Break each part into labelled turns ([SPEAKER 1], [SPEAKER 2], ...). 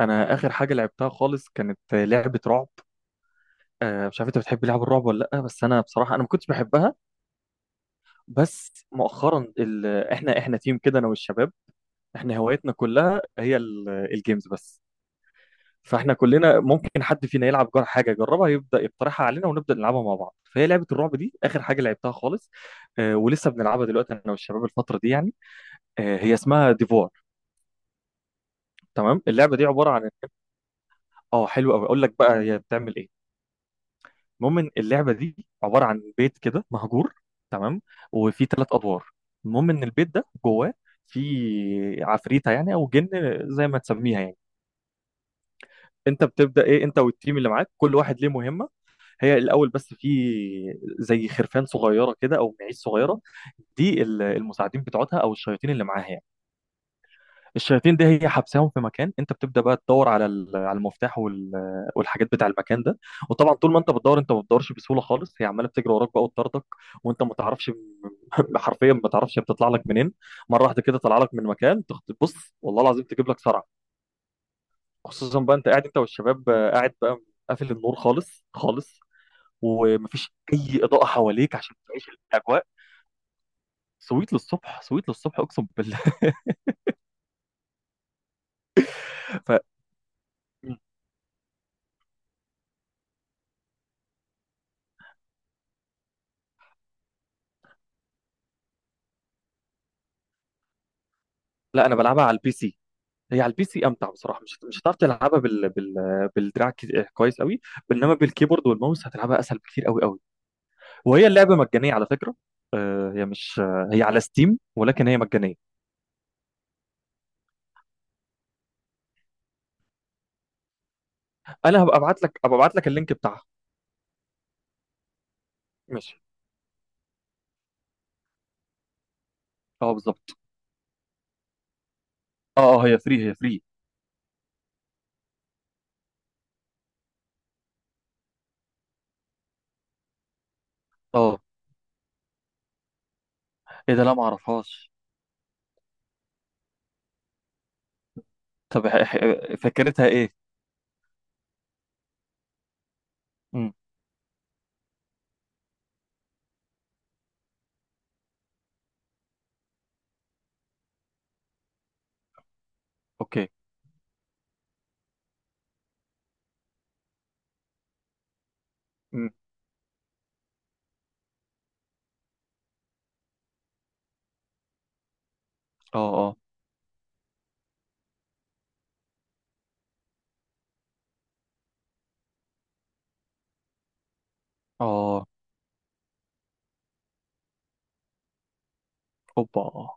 [SPEAKER 1] انا اخر حاجه لعبتها خالص كانت لعبه رعب. مش عارف انت بتحب لعب الرعب ولا لا، بس انا بصراحه ما كنتش بحبها. بس مؤخرا ال... احنا تيم كده انا والشباب، احنا هوايتنا كلها هي الجيمز بس. فاحنا كلنا ممكن حد فينا يلعب حاجه يجربها، يبدا يقترحها علينا ونبدا نلعبها مع بعض. فهي لعبه الرعب دي اخر حاجه لعبتها خالص. ولسه بنلعبها دلوقتي انا والشباب الفتره دي يعني. هي اسمها ديفور. تمام، اللعبه دي عباره عن، اه حلو قوي اقول لك بقى هي بتعمل ايه. المهم إن اللعبه دي عباره عن بيت كده مهجور، تمام، وفي ثلاث ادوار. المهم ان البيت ده جواه في عفريته يعني او جن، زي ما تسميها يعني. انت بتبدا ايه انت والتيم اللي معاك، كل واحد ليه مهمه. هي الاول بس في زي خرفان صغيره كده او معيش صغيره، دي المساعدين بتوعتها او الشياطين اللي معاها يعني. الشياطين دي هي حبساهم في مكان، انت بتبدا بقى تدور على على المفتاح والحاجات بتاع المكان ده. وطبعا طول ما انت بتدور انت ما بتدورش بسهوله خالص، هي عماله بتجري وراك بقى وتطاردك، وانت ما تعرفش. حرفيا ما تعرفش هي بتطلع لك منين. مره واحده كده طالعه لك من مكان تبص، والله العظيم تجيب لك صرع. خصوصا بقى انت قاعد انت والشباب، قاعد بقى قافل النور خالص خالص، ومفيش اي اضاءه حواليك عشان تعيش الاجواء. سويت للصبح، سويت للصبح اقسم بالله. ف لا انا بلعبها على البي سي. هي على البي سي امتع بصراحه، مش هتعرف تلعبها بال بالدراع. كويس قوي، انما بالكيبورد والماوس هتلعبها اسهل بكتير، قوي قوي. وهي اللعبه مجانيه على فكره. آه، هي مش آه، هي على ستيم ولكن هي مجانيه. انا هبقى ابعت لك، هبقى ابعت لك اللينك بتاعها. ماشي، اه بالظبط. اه هي فري، هي فري. اه ايه ده، لا ما اعرفهاش. طب فكرتها ايه؟ امم، اوكي. امم. اه اه اه. اوبا.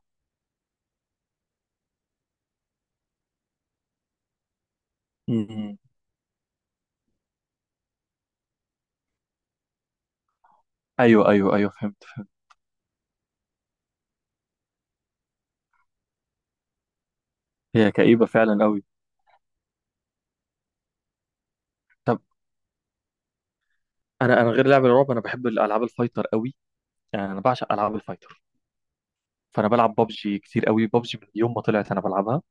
[SPEAKER 1] امم. ايوه ايوه ايوه فهمت. هي كئيبه فعلا قوي. طب انا غير لعب الرعب، انا بحب الالعاب الفايتر قوي، يعني انا بعشق العاب الفايتر. فانا بلعب ببجي كتير قوي، ببجي من يوم ما طلعت انا بلعبها.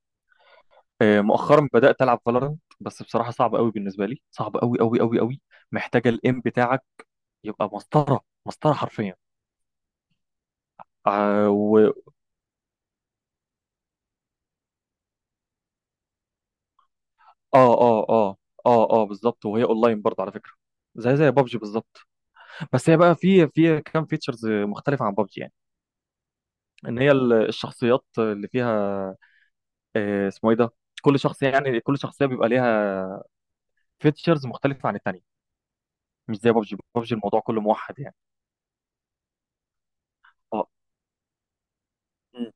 [SPEAKER 1] مؤخرا بدات العب فالورنت، بس بصراحه صعب قوي بالنسبه لي، صعب قوي قوي قوي قوي، محتاجه الام بتاعك. يبقى مسطره، مسطره حرفيا. آه و... اه اه اه اه اه بالظبط. وهي اونلاين برضه على فكره، زي بابجي بالظبط. بس هي بقى في كام فيتشرز مختلفه عن بابجي يعني، ان هي الشخصيات اللي فيها، آه، اسمه ايه ده، كل شخصيه، يعني كل شخصيه بيبقى ليها فيتشرز مختلفه عن التانيه. مش زي بابجي، بابجي الموضوع كله موحد يعني. اه. مم.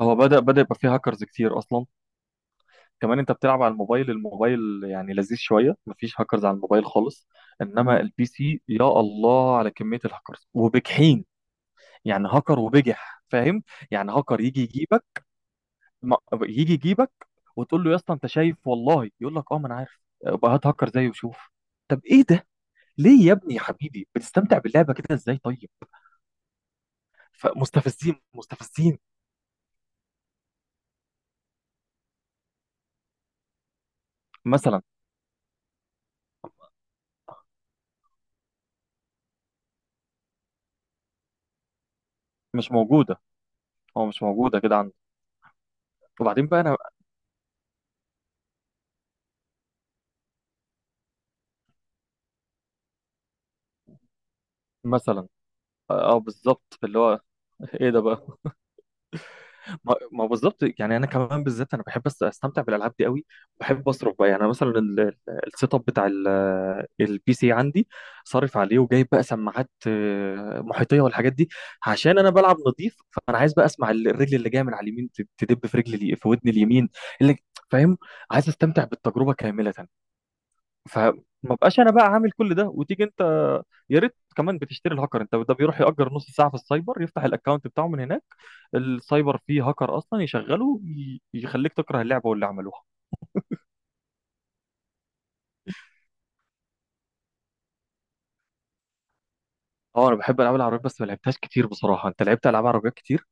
[SPEAKER 1] هو بدأ يبقى فيه هاكرز كتير أصلا. كمان أنت بتلعب على الموبايل، الموبايل يعني لذيذ شوية، مفيش هاكرز على الموبايل خالص. إنما البي سي يا الله على كمية الهاكرز، وبجحين يعني، هاكر وبجح فاهم. يعني هاكر يجي يجيبك، ما- يجي يجيبك وتقول له يا اسطى أنت شايف، والله يقول لك أه ما أنا عارف، بقى هات هاكر زيه وشوف. طب إيه ده، ليه يا ابني يا حبيبي بتستمتع باللعبة كده إزاي طيب؟ فمستفزين، مستفزين. مثلا مش موجودة، هو مش موجودة كده عندي. وبعدين بقى أنا، مثلا اه بالظبط اللي هو، ايه ده بقى. ما بالظبط، يعني انا كمان بالذات انا بحب استمتع بالالعاب دي قوي. بحب اصرف بقى يعني، مثلا السيت اب بتاع البي سي عندي، صارف عليه وجايب بقى سماعات محيطيه والحاجات دي، عشان انا بلعب نظيف، فانا عايز بقى اسمع الرجل اللي جايه من على اليمين تدب في رجلي، في ودني اليمين اللي، فاهم، عايز استمتع بالتجربه كامله. فما بقاش انا بقى عامل كل ده وتيجي انت يا ريت كمان بتشتري الهاكر، انت ده بيروح يأجر نص ساعه في السايبر يفتح الاكونت بتاعه من هناك. السايبر فيه هاكر اصلا يشغله، يخليك تكره اللعبه واللي عملوها. اه انا بحب العاب العربيات بس ما لعبتهاش كتير بصراحه، انت لعبت العاب عربيات كتير؟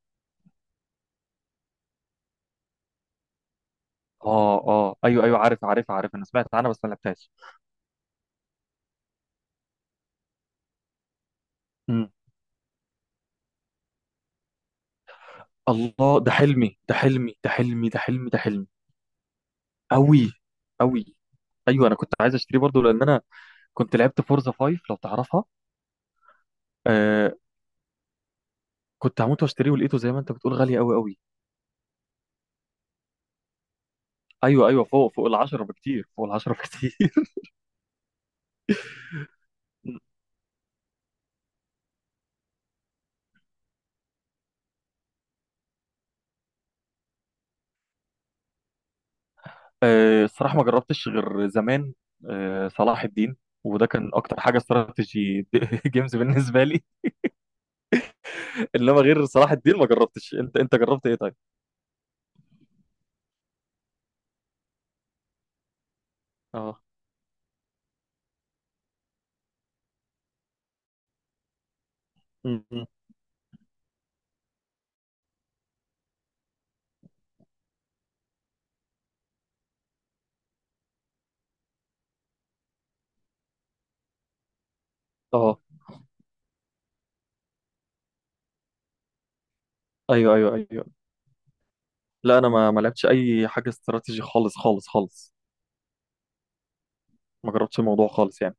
[SPEAKER 1] اه ايوه عارف انا سمعت عنها بس ما لعبتهاش. مم. الله، ده حلمي، ده حلمي، ده حلمي، ده حلمي، ده حلمي. قوي قوي. ايوه انا كنت عايز اشتريه برضو لان انا كنت لعبت فورزا 5 لو تعرفها. آه، كنت هموت واشتريه، ولقيته زي ما انت بتقول غالي قوي قوي. ايوه فوق، فوق العشرة بكتير، فوق العشرة بكتير. الصراحة ما جربتش غير زمان، صلاح الدين، وده كان اكتر حاجة استراتيجي جيمز بالنسبة لي. انما غير صلاح الدين ما جربتش، انت جربت ايه طيب؟ اه. م- م. اه. ايوه ايوه ايوه. لا انا ما لعبتش اي حاجة استراتيجي خالص خالص خالص، ما جربتش الموضوع خالص يعني.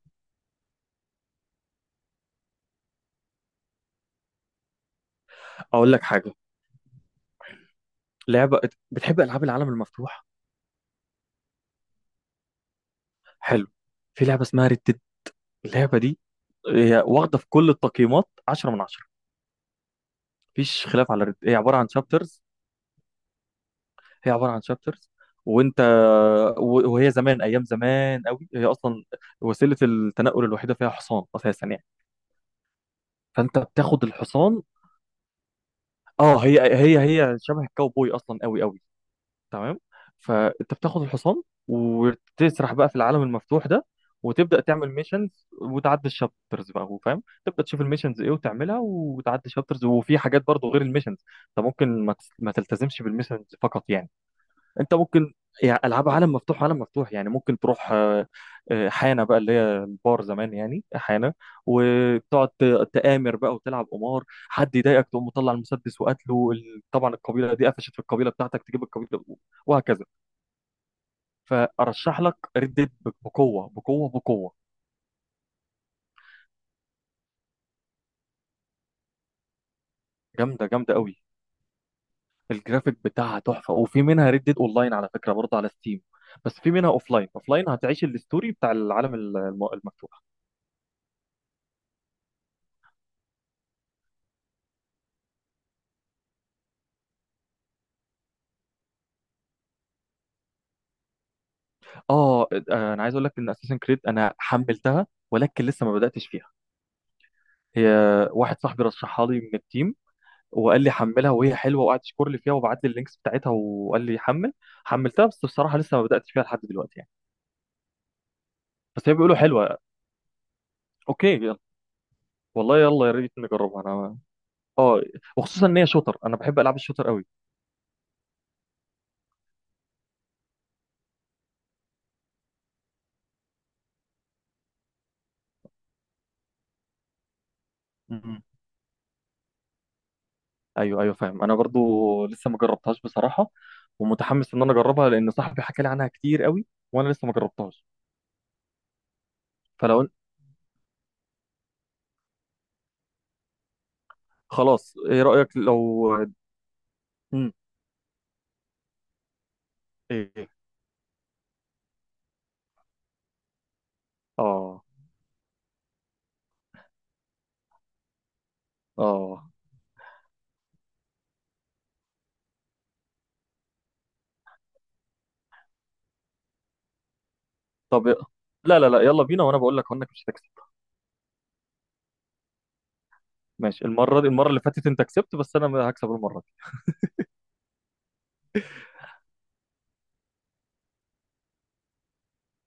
[SPEAKER 1] اقول لك حاجة، لعبة، بتحب العاب العالم المفتوح؟ حلو، في لعبة اسمها ريد. اللعبة دي هي واخدة في كل التقييمات 10 من 10، مفيش خلاف على الرد. هي عبارة عن شابترز، هي عبارة عن شابترز، وانت، وهي زمان، ايام زمان قوي هي اصلا، وسيلة التنقل الوحيدة فيها حصان اساسا يعني، فانت بتاخد الحصان. اه هي هي شبه الكاوبوي اصلا، قوي قوي تمام. فانت بتاخد الحصان وتسرح بقى في العالم المفتوح ده، وتبدا تعمل ميشنز وتعدي الشابترز بقى، هو فاهم، تبدا تشوف الميشنز ايه وتعملها وتعدي الشابترز. وفي حاجات برضو غير الميشنز، انت ممكن ما تلتزمش بالميشنز فقط يعني، انت ممكن، يعني العاب عالم مفتوح، عالم مفتوح يعني ممكن تروح حانه بقى، اللي هي البار زمان يعني حانه، وتقعد تآمر بقى وتلعب قمار، حد يضايقك تقوم مطلع المسدس وقتله، طبعا القبيله دي قفشت في القبيله بتاعتك، تجيب القبيله، وهكذا. فارشح لك ريد ديد، بقوه بقوه بقوه. جامده، جامده قوي. الجرافيك بتاعها تحفه، وفي منها ريد ديد اونلاين على فكره برضه على ستيم، بس في منها اوفلاين، اوفلاين هتعيش الستوري بتاع العالم المفتوح. اه انا عايز اقول لك ان اساسن كريد انا حملتها ولكن لسه ما بداتش فيها. هي واحد صاحبي رشحها لي من التيم، وقال لي حملها وهي حلوه، وقعد يشكر لي فيها وبعت لي اللينكس بتاعتها وقال لي حمل. حملتها بس بصراحه لسه ما بداتش فيها لحد دلوقتي يعني. بس هي بيقولوا حلوه. اوكي، يلا، والله يلا يا ريت نجربها، انا اه، وخصوصا ان هي شوتر، انا بحب العاب الشوتر قوي. مم. ايوه فاهم، انا برضو لسه ما جربتهاش بصراحه، ومتحمس ان انا اجربها لان صاحبي حكى لي عنها كتير قوي، وانا لسه ما جربتهاش. فلو خلاص ايه رأيك لو؟ مم. ايه؟ اه اه طب لا لا لا، يلا بينا، وانا بقول لك انك مش هتكسب. ماشي، المرة دي، المرة اللي فاتت انت كسبت بس انا هكسب المرة دي.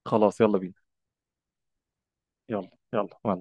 [SPEAKER 1] خلاص يلا بينا. يلا يلا مع